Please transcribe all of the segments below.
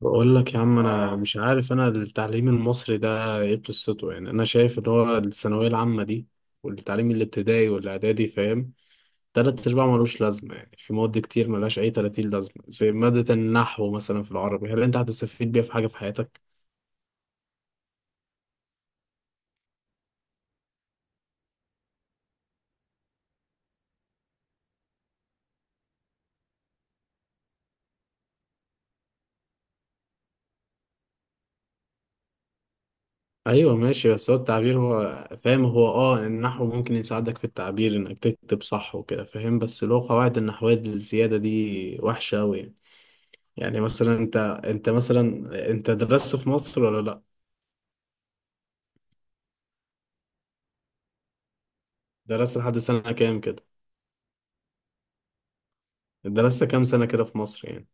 بقول لك يا عم، انا مش عارف، انا التعليم المصري ده ايه قصته؟ يعني انا شايف ان هو الثانويه العامه دي والتعليم الابتدائي والاعدادي، فاهم؟ تلات ارباع ملوش لازمه، يعني في مواد كتير ملهاش اي 30 لازمه، زي ماده النحو مثلا في العربي، هل انت هتستفيد بيها في حاجه في حياتك؟ ايوه ماشي، بس هو التعبير هو فاهم، هو النحو ممكن يساعدك في التعبير انك تكتب صح وكده، فاهم؟ بس لو قواعد النحويه الزياده دي وحشه قوي، يعني. يعني مثلا انت، انت مثلا انت درست في مصر ولا لا؟ درست لحد سنة كام كده؟ درست كام سنة كده في مصر يعني؟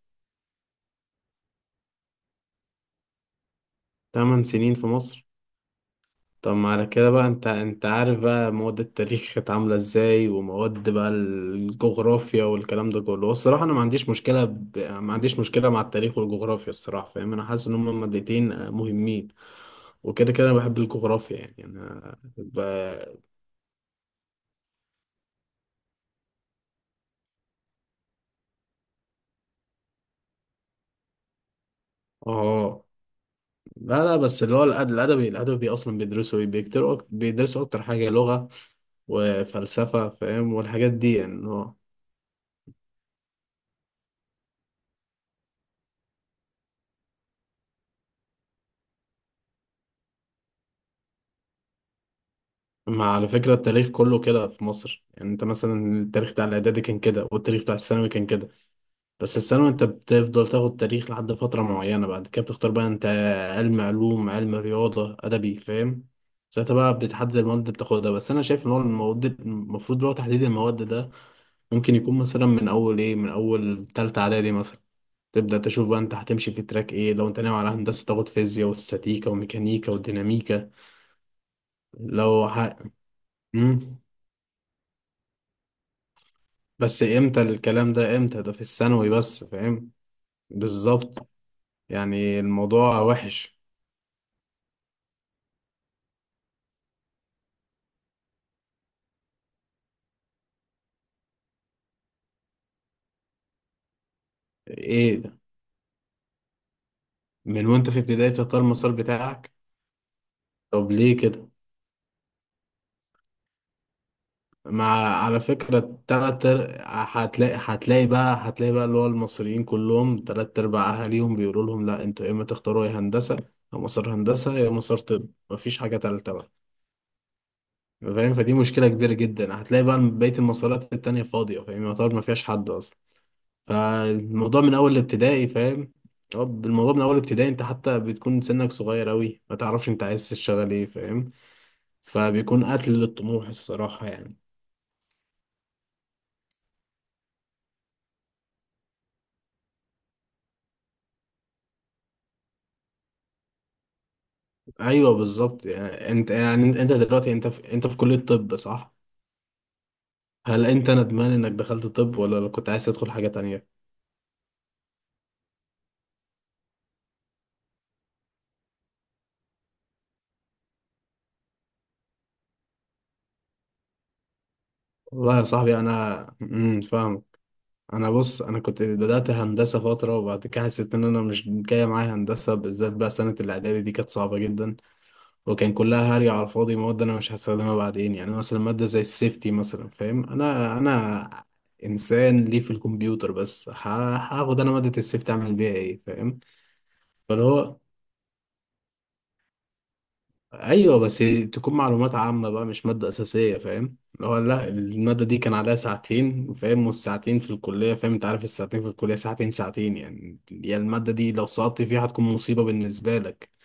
8 سنين في مصر. طب ما على كده بقى، انت عارف بقى مواد التاريخ كانت عاملة ازاي، ومواد بقى الجغرافيا والكلام ده كله. الصراحة انا ما عنديش مشكلة ما عنديش مشكلة مع التاريخ والجغرافيا، الصراحة، فاهم؟ انا حاسس ان هما مادتين مهمين. وكده كده انا بحب الجغرافيا، يعني انا ب... اه لا لا، بس اللي هو الادبي اصلا بيدرسوا ايه، بيكتروا، بيدرسوا اكتر حاجة لغة وفلسفة، فاهم؟ والحاجات دي يعني. ما على فكرة التاريخ كله كده في مصر، يعني انت مثلا التاريخ بتاع الاعدادي كان كده، والتاريخ بتاع الثانوي كان كده. بس الثانوي انت بتفضل تاخد تاريخ لحد فترة معينة، بعد كده بتختار بقى انت علم علوم، علم رياضة، ادبي، فاهم؟ ساعتها بقى بتحدد المواد اللي بتاخدها. بس انا شايف ان هو المواد المفروض اللي هو تحديد المواد ده ممكن يكون مثلا من اول ايه، من اول تالتة اعدادي مثلا، تبدأ تشوف بقى انت هتمشي في تراك ايه. لو انت ناوي على هندسة، تاخد فيزياء واستاتيكا وميكانيكا وديناميكا. لو ح... مم. بس امتى الكلام ده، امتى ده؟ في الثانوي بس، فاهم؟ بالظبط. يعني الموضوع وحش. ايه ده؟ من وانت في ابتدائي بتختار المسار بتاعك؟ طب ليه كده؟ مع على فكرة هتلاقي هتلاقي بقى اللي هو المصريين كلهم تلات أرباع أهاليهم بيقولوا لهم لا، انتوا يا إما تختاروا يا هندسة، يا مسار هندسة، يا مسار طب، مفيش حاجة تالتة بقى، فاهم؟ فدي مشكلة كبيرة جدا، هتلاقي بقى بقية المسارات التانية فاضية، فاهم؟ يعتبر مفيهاش حد أصلا. فالموضوع من اول ابتدائي، فاهم؟ هو الموضوع من اول ابتدائي، انت حتى بتكون سنك صغير اوي، ما تعرفش انت عايز تشتغل ايه، فاهم؟ فبيكون قتل للطموح، الصراحة يعني. ايوه بالظبط، يعني انت، يعني انت دلوقتي، انت في كلية طب، صح؟ هل انت ندمان انك دخلت طب، ولا كنت عايز تدخل حاجة تانية؟ والله يا صاحبي، انا فاهم. انا بص، انا كنت بدأت هندسة فترة، وبعد كده حسيت ان انا مش جاية معايا هندسة، بالذات بقى سنة الاعدادي دي كانت صعبة جدا. وكان كلها هري على الفاضي، مواد انا مش هستخدمها بعدين، يعني مثلا ماده زي السيفتي مثلا، فاهم؟ انا انسان ليه في الكمبيوتر، بس هاخد انا ماده السيفتي اعمل بيها ايه، فاهم؟ فاللي هو، ايوه بس تكون معلومات عامه بقى، مش ماده اساسيه، فاهم؟ اللي هو لا، الماده دي كان عليها ساعتين، فاهم؟ والساعتين في الكليه، فاهم؟ انت عارف الساعتين في الكليه، ساعتين ساعتين يعني الماده دي لو سقطت فيها هتكون مصيبه بالنسبه لك.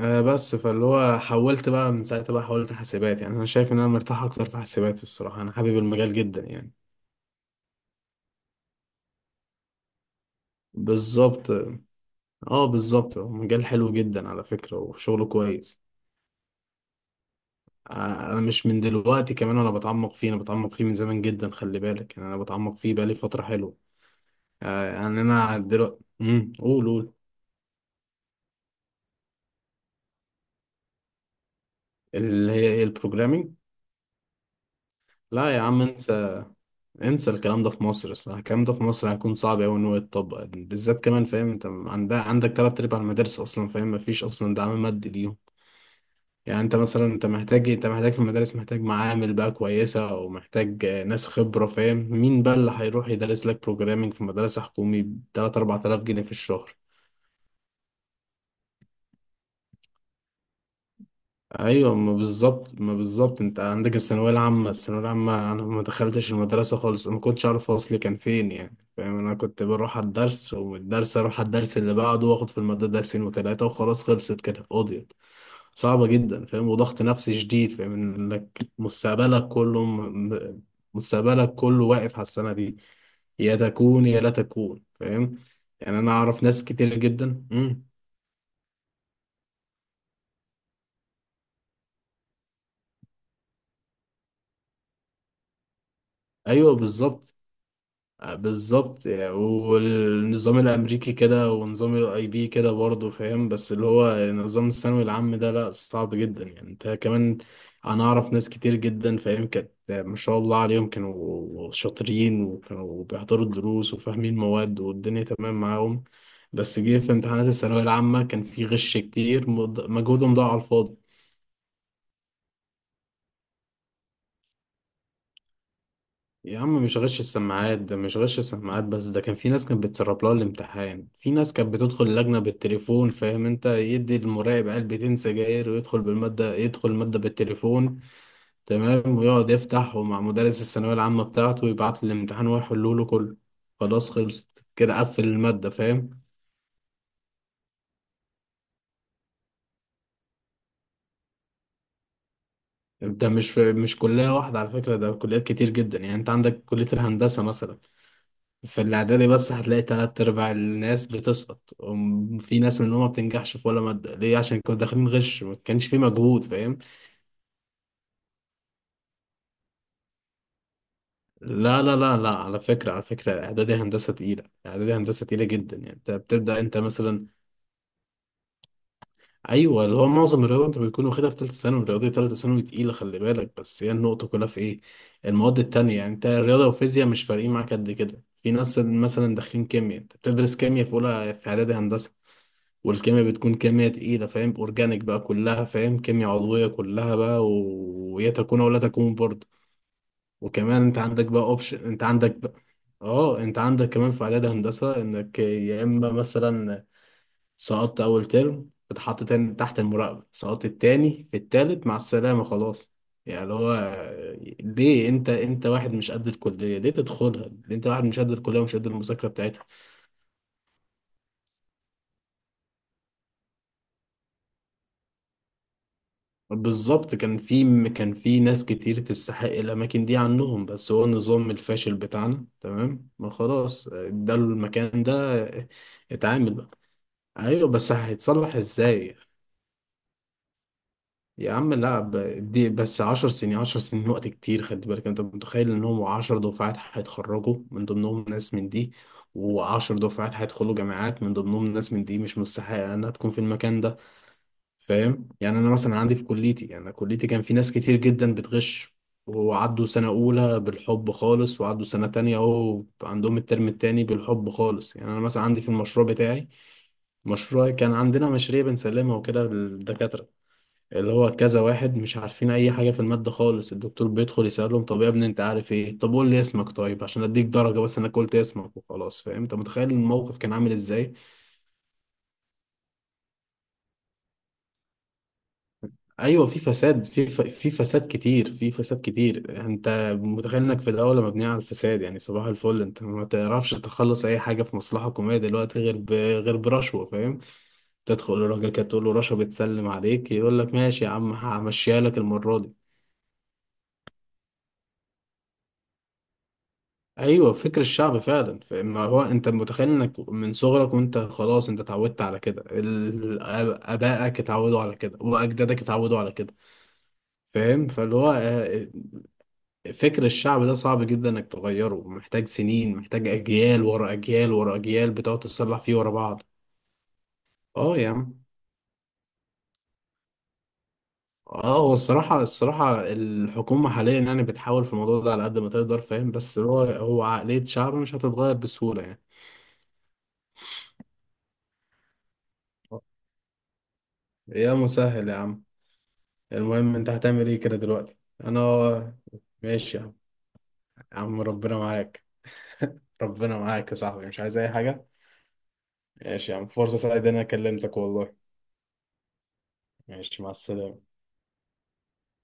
بس فاللي هو حولت بقى من ساعتها، بقى حولت حاسبات، يعني انا شايف ان انا مرتاح اكتر في حاسبات الصراحه، انا حابب المجال جدا يعني. بالظبط. اه بالظبط، هو مجال حلو جدا على فكره، وشغله كويس. آه، انا مش من دلوقتي كمان، انا بتعمق فيه، انا بتعمق فيه من زمان جدا، خلي بالك، يعني انا بتعمق فيه بقالي فتره حلوه. يعني انا دلوقتي قول قول. اللي هي ايه، البروجرامينج؟ لا يا عم، انسى انسى الكلام ده في مصر، الصراحة الكلام ده في مصر هيكون صعب أوي إن هو يتطبق، بالذات كمان، فاهم؟ أنت عندك تلات أرباع المدارس أصلا، فاهم؟ مفيش أصلا دعم مادي ليهم. يعني أنت مثلا، أنت محتاج في المدارس، محتاج معامل بقى كويسة، أو محتاج ناس خبرة، فاهم؟ مين بقى اللي هيروح يدرس لك بروجرامينج في مدرسة حكومي بتلات أربع تلاف جنيه في الشهر؟ ايوه ما بالظبط انت عندك الثانويه العامه، الثانويه العامه انا ما دخلتش المدرسه خالص، ما كنتش اعرف اصلي كان فين يعني، فاهم؟ انا كنت بروح على الدرس، ومن الدرس اروح على الدرس اللي بعده، واخد في الماده درسين وثلاثه وخلاص، خلصت كده، قضيت. صعبه جدا، فاهم، وضغط نفسي شديد، فاهم، انك مستقبلك كله مستقبلك كله واقف على السنه دي، يا تكون يا لا تكون، فاهم؟ يعني انا اعرف ناس كتير جدا ايوه بالظبط. بالظبط يعني، والنظام الامريكي كده، ونظام الاي بي كده برضه، فاهم؟ بس اللي هو نظام الثانوي العام ده لا، صعب جدا يعني، انت كمان. انا اعرف ناس كتير جدا، فاهم، كانت ما شاء الله عليهم، كانوا شاطرين، وكانوا بيحضروا الدروس، وفاهمين مواد، والدنيا تمام معاهم. بس جه في امتحانات الثانوية العامة كان في غش كتير، مجهودهم ضاع على الفاضي. يا عم مش غش السماعات، ده مش غش السماعات بس، ده كان في ناس كانت بتسرب لها الامتحان، في ناس كانت بتدخل اللجنة بالتليفون، فاهم؟ انت يدي المراقب علبتين سجاير، ويدخل بالمادة، يدخل المادة بالتليفون، تمام، ويقعد يفتح ومع مدرس الثانوية العامة بتاعته، ويبعت له الامتحان، ويحله له كله، خلاص، خلصت كده، قفل المادة، فاهم؟ ده مش كلية واحدة على فكرة، ده كليات كتير جدا، يعني انت عندك كلية الهندسة مثلا، في الإعدادي بس هتلاقي تلات أرباع الناس بتسقط، وفي ناس منهم ما بتنجحش في ولا مادة، ليه؟ عشان كانوا داخلين غش، ما كانش في مجهود، فاهم؟ لا لا لا لا، على فكرة، على فكرة إعدادي هندسة تقيلة، إعدادي هندسة تقيلة جدا يعني، أنت بتبدأ أنت مثلا، أيوه اللي هو معظم الرياضة أنت بتكون واخدها في تالتة ثانوي، الرياضة تالتة ثانوي تقيلة خلي بالك، بس هي النقطة كلها في إيه؟ المواد التانية، يعني أنت الرياضة والفيزياء مش فارقين معاك قد كده. في ناس مثلا داخلين كيمياء، أنت بتدرس كيمياء في أولى في إعدادي هندسة، والكيمياء بتكون كيمياء تقيلة، فاهم؟ أورجانيك بقى كلها، فاهم، كيمياء عضوية كلها بقى، ويا تكون ولا تكون برضه. وكمان أنت عندك بقى أوبشن، أنت عندك بقى، أه أنت عندك كمان في إعداد هندسة إنك يا إما مثلا سقطت أول ترم، اتحط تاني تحت المراقبة، سقطت التاني في التالت مع السلامة، خلاص. يعني اللي هو، ليه أنت واحد مش قد الكلية ليه تدخلها؟ ليه أنت واحد مش قد الكلية ومش قد المذاكرة بتاعتها. بالظبط كان في ناس كتير تستحق الأماكن دي عنهم، بس هو النظام الفاشل بتاعنا تمام، ما خلاص ده المكان ده. آه، اتعامل بقى. أيوة، بس هيتصلح إزاي؟ يا عم لا ب- دي بس 10 سنين، 10 سنين وقت كتير خلي بالك، أنت متخيل إن هم 10 دفعات هيتخرجوا من ضمنهم ناس من دي، وعشر دفعات هيدخلوا جامعات من ضمنهم ناس من دي، مش مستحقة إنها تكون في المكان ده، فاهم؟ يعني انا مثلا عندي في كليتي، يعني انا كليتي كان في ناس كتير جدا بتغش، وعدوا سنة أولى بالحب خالص، وعدوا سنة تانية أهو عندهم الترم التاني بالحب خالص، يعني أنا مثلا عندي في المشروع بتاعي، مشروع كان عندنا مشاريع بنسلمها وكده للدكاترة، اللي هو كذا واحد مش عارفين أي حاجة في المادة خالص، الدكتور بيدخل يسألهم، طب يا ابني أنت عارف إيه؟ طب قول لي اسمك، طيب عشان أديك درجة، بس أنا قلت اسمك وخلاص، فاهم؟ أنت متخيل الموقف كان عامل إزاي. ايوه في فساد، في فساد كتير، في فساد كتير، انت متخيل انك في دوله مبنيه على الفساد يعني، صباح الفل. انت ما تعرفش تخلص اي حاجه في مصلحه حكوميه دلوقتي غير غير برشوه، فاهم؟ تدخل للراجل كده تقول له رشوه بتسلم عليك، يقول لك ماشي يا عم همشيها لك المره دي. ايوه فكر الشعب فعلا، فما هو انت متخيل انك من صغرك وانت خلاص انت اتعودت على كده، ابائك اتعودوا على كده، واجدادك اتعودوا على كده، فاهم؟ فاللي هو فكر الشعب ده صعب جدا انك تغيره، محتاج سنين، محتاج اجيال ورا اجيال ورا اجيال بتقعد تصلح فيه ورا بعض. اه يا عم، اه هو الصراحة، الصراحة الحكومة حاليا يعني بتحاول في الموضوع ده على قد ما تقدر، فاهم؟ بس هو عقلية شعب مش هتتغير بسهولة يعني. يا مسهل يا عم. المهم انت هتعمل ايه كده دلوقتي؟ انا، ماشي يا عم. يا عم ربنا معاك، ربنا معاك يا صاحبي، مش عايز اي حاجة. ماشي يا عم، فرصة سعيدة إن انا كلمتك والله، ماشي، مع السلامة.